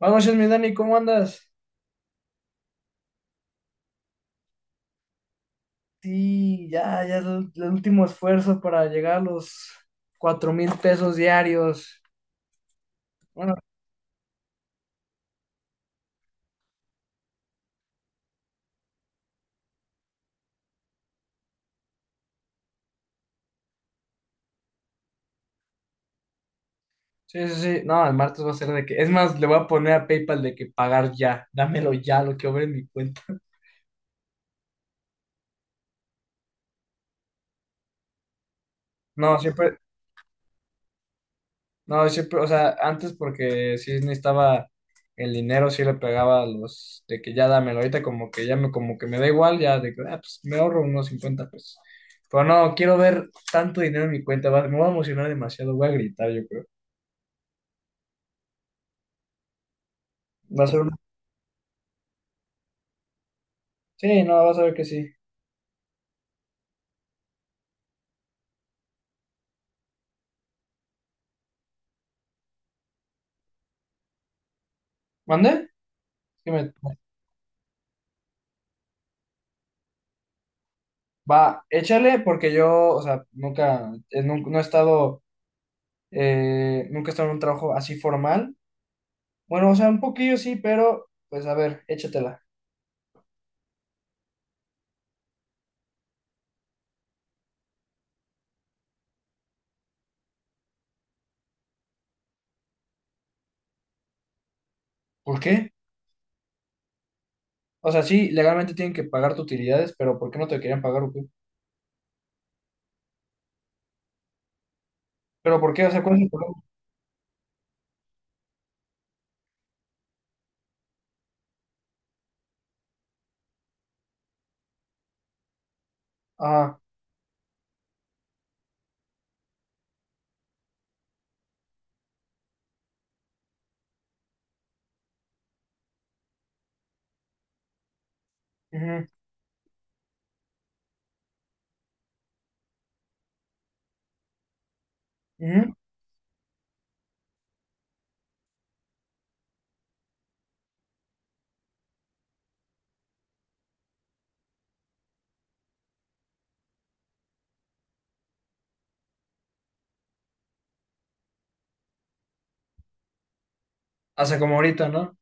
Buenas noches, mi Dani, ¿cómo andas? Sí, ya, ya es el último esfuerzo para llegar a los 4,000 pesos diarios. Bueno, sí, sí, sí. No, el martes va a ser de que. Es más, le voy a poner a PayPal de que pagar ya. Dámelo ya, lo que obre en mi cuenta. No, siempre. No, siempre, o sea, antes porque sí necesitaba el dinero, sí le pegaba a los de que ya dámelo, ahorita como que me da igual, ya de que, pues me ahorro unos 50 pesos. Pero no, quiero ver tanto dinero en mi cuenta, me voy a emocionar demasiado, voy a gritar, yo creo. Va a ser una. Sí, no, vas a ver que sí. ¿Mande? Sí me- Va, échale porque yo, o sea, nunca, no, he estado, nunca he estado en un trabajo así formal. Bueno, o sea, un poquillo sí, pero pues a ver, échatela. ¿Por qué? O sea, sí, legalmente tienen que pagarte utilidades, pero ¿por qué no te querían pagar o qué? ¿Pero por qué? O sea, ¿cuál es el problema? Ah. Ujú. Ujú. O sea, como ahorita, ¿no?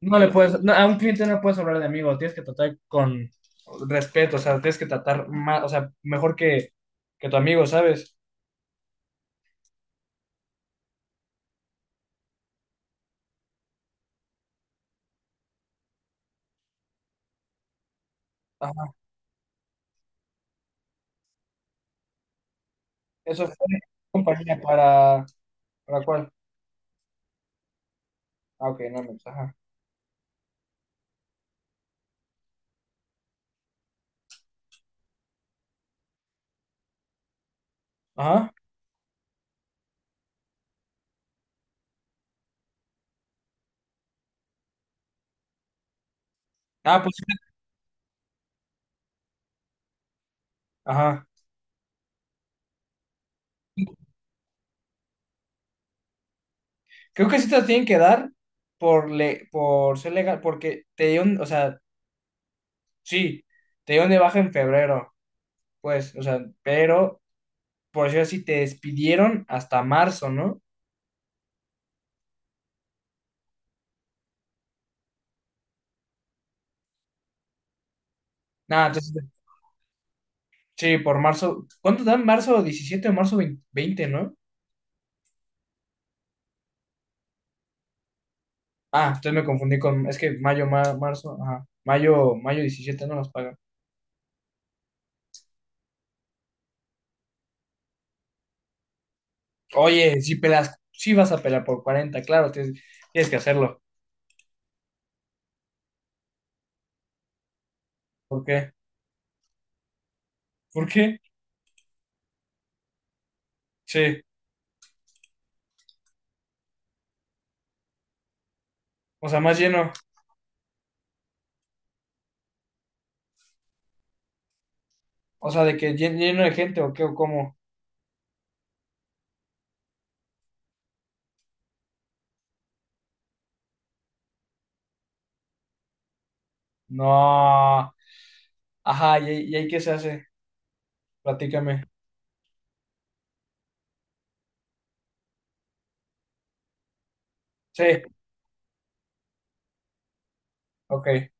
No le puedes, no, a un cliente no puedes hablar de amigo, tienes que tratar con respeto, o sea, tienes que tratar más, o sea, mejor que tu amigo, ¿sabes? Ajá. Eso fue compañía ¿para cuál? Ah, ok, no, no, pues, ajá. Ajá. Ah, pues, ajá. Creo que sí te las tienen que dar por, le, por ser legal, porque te dieron, o sea, sí, te dieron de baja en febrero. Pues, o sea, pero por decir así, te despidieron hasta marzo, ¿no? Nada, entonces, sí, por marzo. ¿Cuánto dan? ¿Marzo 17 o marzo 20 no? Ah, entonces me confundí con, es que mayo, marzo, ajá, mayo, mayo 17 no nos pagan. Oye, si vas a pelar por 40 claro, tienes que hacerlo. ¿Por qué? ¿Por qué? Sí, o sea, más lleno, o sea, de que lleno de gente o qué o cómo. No, ajá, y ahí qué se hace? Platícame. Sí, ok.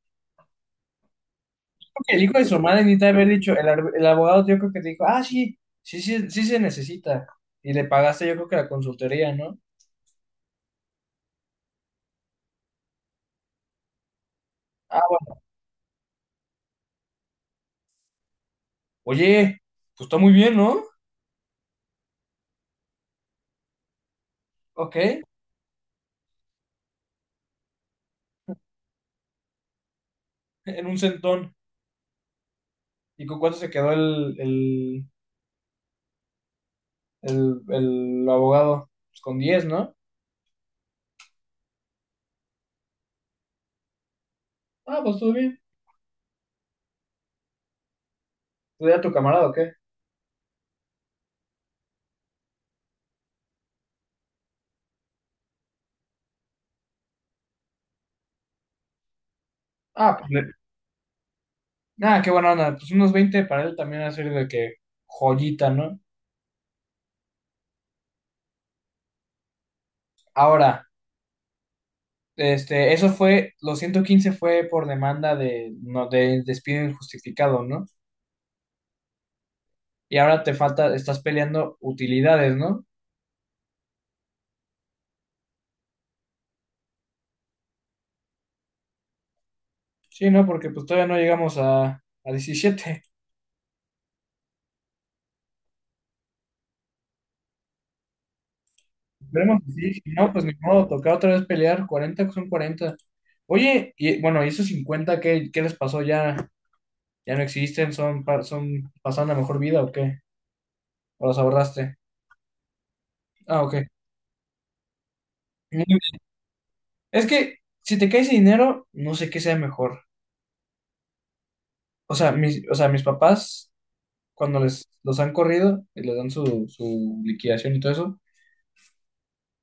El hijo de su madre necesita haber dicho, el abogado yo creo que te dijo, ah, sí, sí, sí, sí se necesita. Y le pagaste yo creo que la consultoría, ¿no? Ah, oye, pues está muy bien, ¿no? Ok, en un centón. ¿Y con cuánto se quedó el abogado? Pues con 10, ¿no? Ah, pues todo bien. ¿Tú a tu camarada o qué? Ah, pues nada, qué buena onda. Pues unos 20 para él también va a ser de que joyita, ¿no? Ahora. Este, eso fue, los 115 fue por demanda de, no, de despido injustificado, ¿no? Y ahora te falta, estás peleando utilidades, ¿no? Sí, ¿no? Porque pues todavía no llegamos a, 17. Esperemos que sí, si no, pues ni modo, toca otra vez pelear, 40 son 40. Oye, y bueno, ¿y esos 50 qué, qué les pasó? ¿Ya, ya no existen? ¿Son pasando la mejor vida o qué? ¿O los ahorraste? Ah, ok. Muy bien. Es que si te cae ese dinero, no sé qué sea mejor. O sea, mis papás cuando los han corrido y les dan su liquidación y todo eso,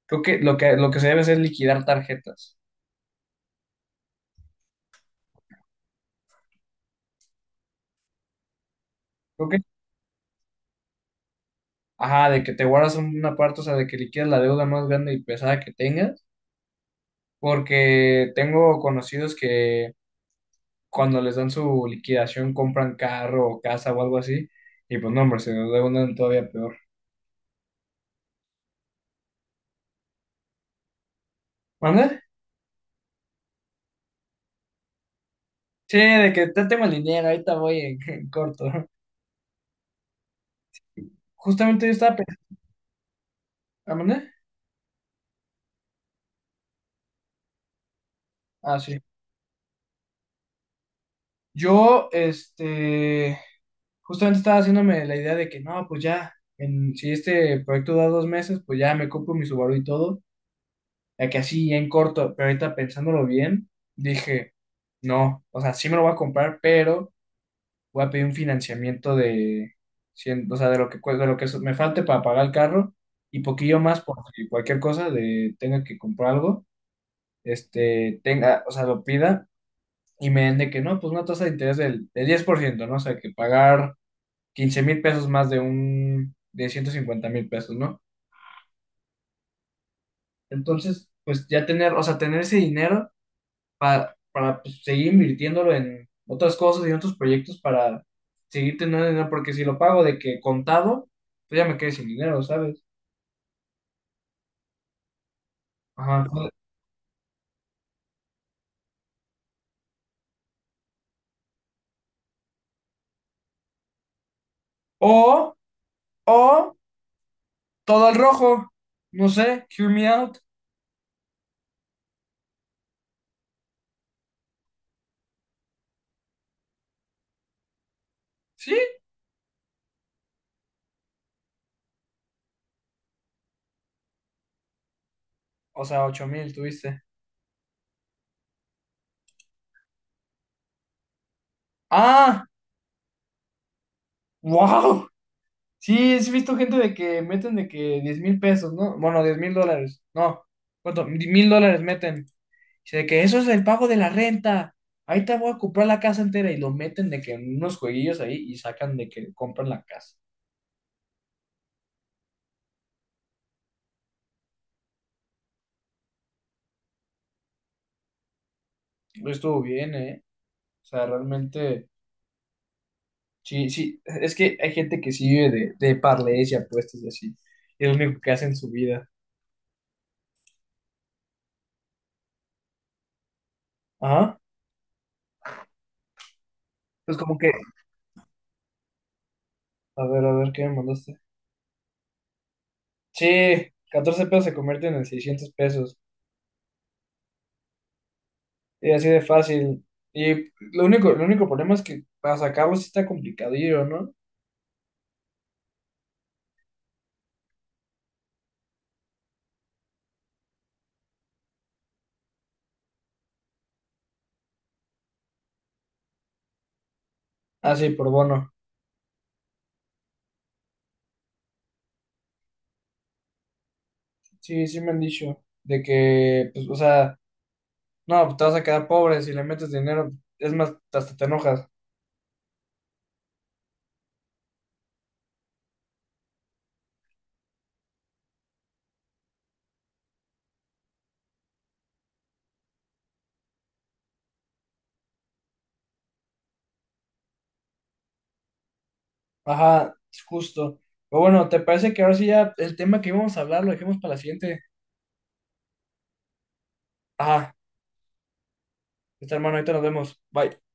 creo que lo que se debe hacer es liquidar tarjetas. Creo que, ajá, de que te guardas una parte, o sea, de que liquidas la deuda más grande y pesada que tengas, porque tengo conocidos que cuando les dan su liquidación compran carro o casa o algo así, y pues no, hombre, se deudan todavía peor. ¿Mande? Sí, de que te tengo el dinero, ahorita voy en, corto. Justamente yo estaba pensando, ¿mande? Ah, sí. Yo, este, justamente estaba haciéndome la idea de que no, pues ya, si este proyecto da 2 meses, pues ya me compro mi Subaru y todo, ya que así ya en corto, pero ahorita pensándolo bien, dije, no, o sea, sí me lo voy a comprar, pero voy a pedir un financiamiento de, o sea, de lo que me falte para pagar el carro y poquillo más por si cualquier cosa de tenga que comprar algo, este, tenga, o sea, lo pida y me den de que no, pues una tasa de interés del 10%, ¿no? O sea, que pagar 15,000 pesos más de un, de 150,000 pesos, ¿no? Entonces, pues ya tener, o sea, tener ese dinero para pues, seguir invirtiéndolo en otras cosas y en otros proyectos para seguir teniendo dinero, porque si lo pago de que contado, pues ya me quedé sin dinero, ¿sabes? Ajá. O, o todo al rojo, no sé, hear me out, ¿sí? O sea, 8,000 tuviste. Ah, wow. Sí, sí he visto gente de que meten de que 10,000 pesos, ¿no? Bueno, $10,000, no, ¿cuánto? $1,000 meten. Dice de que eso es el pago de la renta. Ahí te voy a comprar la casa entera y lo meten de que en unos jueguillos ahí y sacan de que compran la casa. Lo estuvo bien, ¿eh? O sea, realmente, sí, sí, es que hay gente que sí vive de parleys y apuestas y así. Y es lo único que hace en su vida. Ajá. Pues como que, a ver, ¿qué me mandaste? Sí, 14 pesos se convierten en 600 pesos. Y así de fácil. Y lo único, el único problema es que para sacarlo sí está complicadillo, ¿no? Ah, sí, por bono. Sí, sí me han dicho. De que, pues, o sea, no, pues, te vas a quedar pobre si le metes dinero. Es más, hasta te enojas. Ajá, es justo. Pero bueno, ¿te parece que ahora sí ya el tema que íbamos a hablar lo dejemos para la siguiente? Ajá, está hermano, ahorita nos vemos. Bye.